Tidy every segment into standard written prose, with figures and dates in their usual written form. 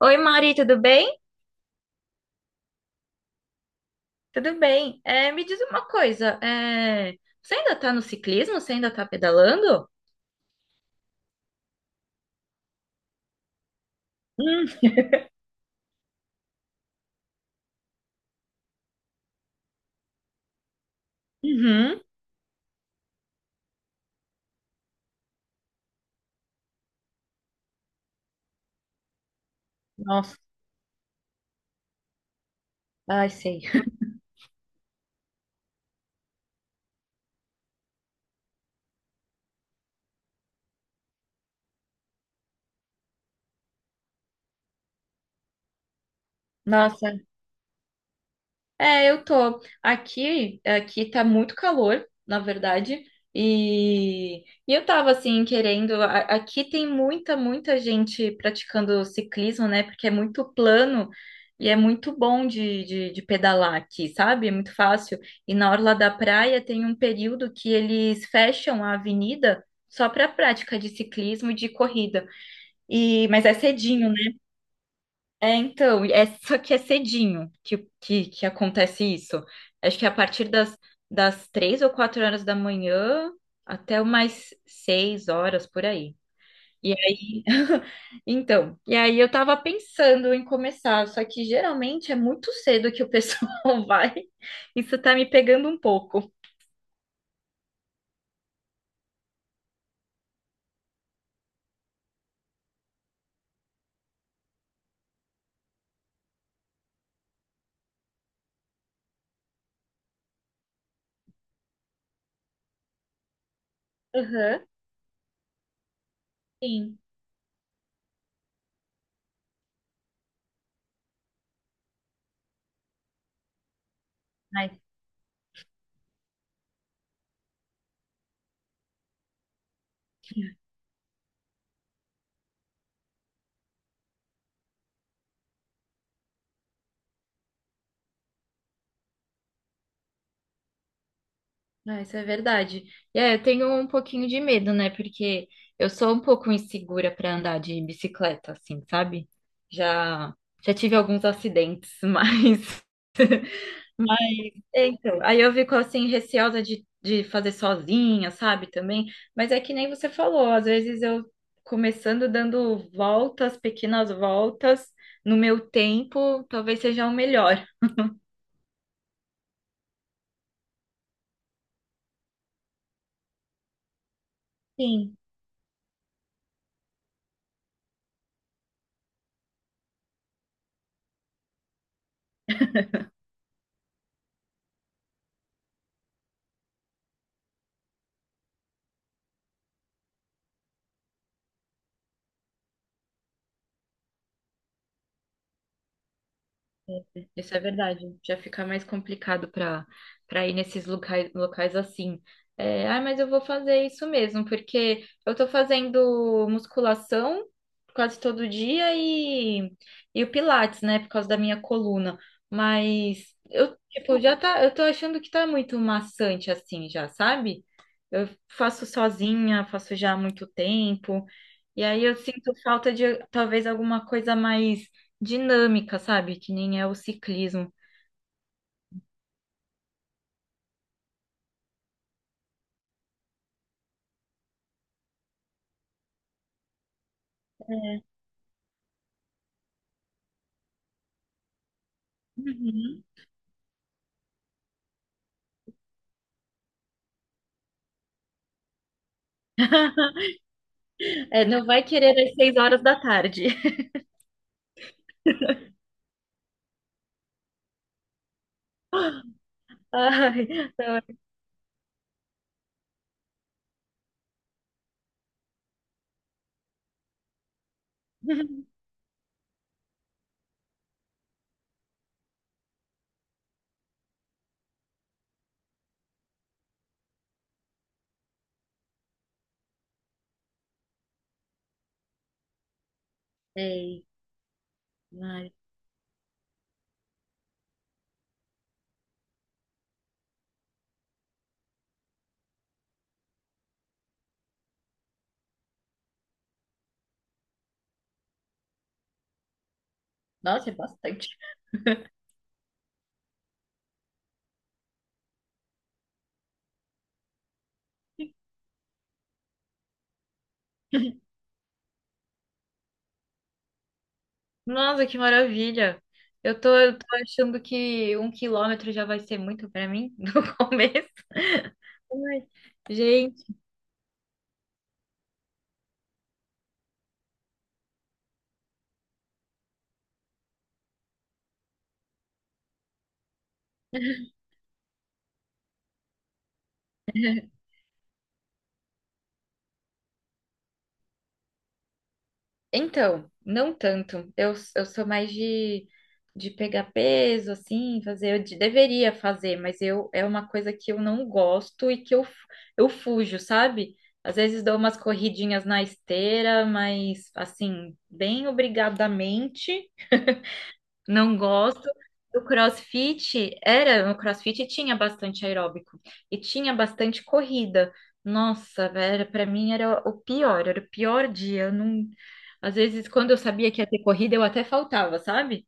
Oi, Mari, tudo bem? Tudo bem. Me diz uma coisa, você ainda está no ciclismo? Você ainda está pedalando? Hum, uhum. Nossa, ai, sei. Nossa, é, eu tô. Aqui, aqui tá muito calor, na verdade. E eu tava assim querendo. Aqui tem muita, muita gente praticando ciclismo, né? Porque é muito plano e é muito bom de pedalar aqui, sabe? É muito fácil. E na orla da praia tem um período que eles fecham a avenida só para prática de ciclismo e de corrida. E, mas é cedinho, é, então, é, só que é cedinho que acontece isso. Acho que é a partir das, das 3 ou 4 horas da manhã até umas 6 horas por aí. E aí, então, e aí eu tava pensando em começar, só que geralmente é muito cedo que o pessoal vai. Isso tá me pegando um pouco. Aham, sim. Ah, isso é verdade. E eu tenho um pouquinho de medo, né? Porque eu sou um pouco insegura para andar de bicicleta, assim, sabe? Já, já tive alguns acidentes, mas. mas- Então, aí eu fico assim, receosa de fazer sozinha, sabe? Também. Mas é que nem você falou, às vezes eu começando dando voltas, pequenas voltas, no meu tempo, talvez seja o melhor. Sim. Isso é verdade. Já fica mais complicado para ir nesses locais, locais assim. É, ah, mas eu vou fazer isso mesmo, porque eu tô fazendo musculação quase todo dia e o Pilates, né, por causa da minha coluna. Mas eu, tipo, já tá, eu tô achando que tá muito maçante assim já, sabe? Eu faço sozinha, faço já há muito tempo. E aí eu sinto falta de talvez alguma coisa mais dinâmica, sabe? Que nem é o ciclismo. Uhum. É, não vai querer às 6 horas da tarde. Ai, não. Ei, ai. Nossa, é bastante. Nossa, que maravilha. Eu tô achando que 1 quilômetro já vai ser muito pra mim no começo. Ai, gente. Então, não tanto. Eu sou mais de, pegar peso, assim, fazer. Eu deveria fazer, mas eu é uma coisa que eu não gosto e que eu fujo, sabe? Às vezes dou umas corridinhas na esteira, mas assim, bem obrigadamente. Não gosto. O CrossFit era, no CrossFit tinha bastante aeróbico e tinha bastante corrida. Nossa, velho, para mim era o pior dia. Eu não, às vezes quando eu sabia que ia ter corrida, eu até faltava, sabe?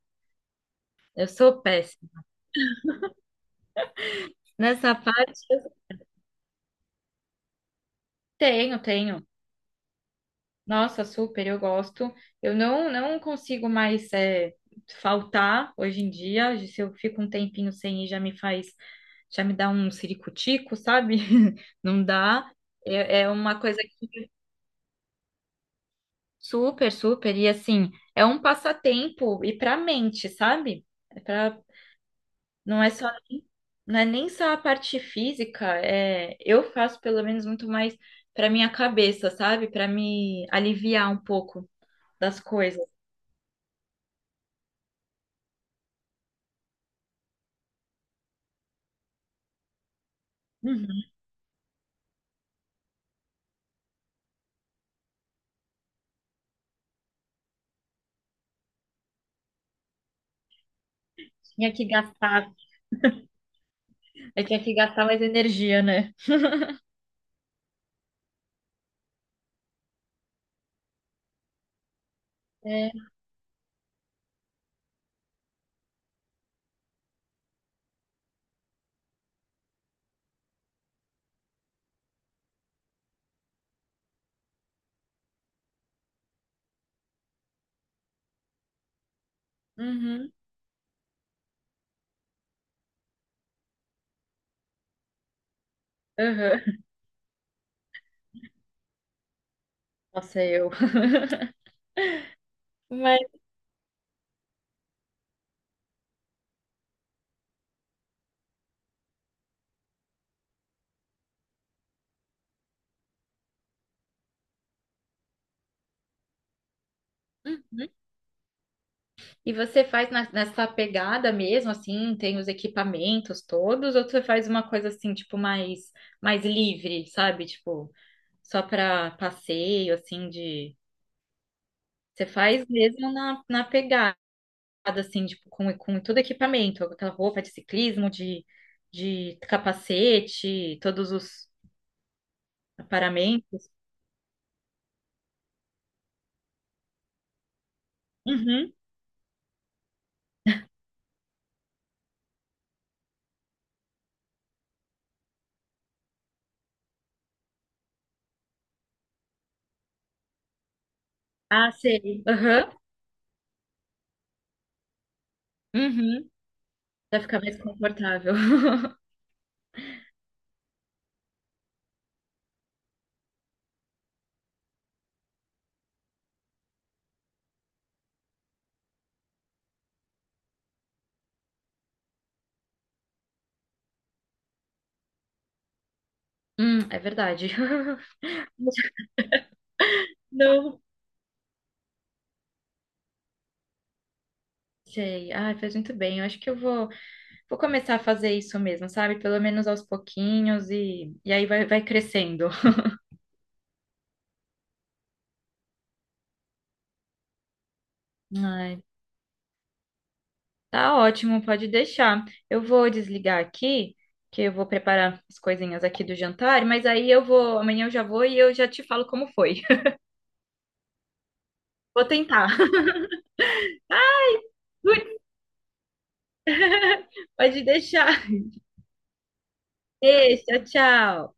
Eu sou péssima. Nessa parte eu tenho, tenho. Nossa, super, eu gosto. Eu não, não consigo mais é, faltar hoje em dia. Se eu fico um tempinho sem ir, já me faz, já me dá um siricutico, sabe? Não dá. É, é uma coisa que super, super. E assim, é um passatempo e para a mente, sabe? É pra, não é só, não é nem só a parte física. É, eu faço pelo menos muito mais para minha cabeça, sabe? Para me aliviar um pouco das coisas. Tinha que gastar, eu tinha que gastar mais energia, né? É. Uhum. Uhum. Nossa, eu. Mas, uhum. E você faz nessa pegada mesmo, assim, tem os equipamentos todos, ou você faz uma coisa assim, tipo, mais, mais livre, sabe? Tipo, só para passeio, assim, de. Você faz mesmo na pegada, assim, tipo, com todo equipamento, com aquela roupa de ciclismo, de capacete, todos os aparamentos. Uhum. Ah, sei. Aham. Uhum. Vai ficar mais confortável. É verdade. Não. Sei. Ah, fez muito bem. Eu acho que eu vou começar a fazer isso mesmo, sabe? Pelo menos aos pouquinhos e aí vai crescendo. Ai, tá ótimo, pode deixar. Eu vou desligar aqui, que eu vou preparar as coisinhas aqui do jantar, mas aí eu vou, amanhã eu já vou e eu já te falo como foi. Vou tentar. Pode deixar. Beijo, tchau.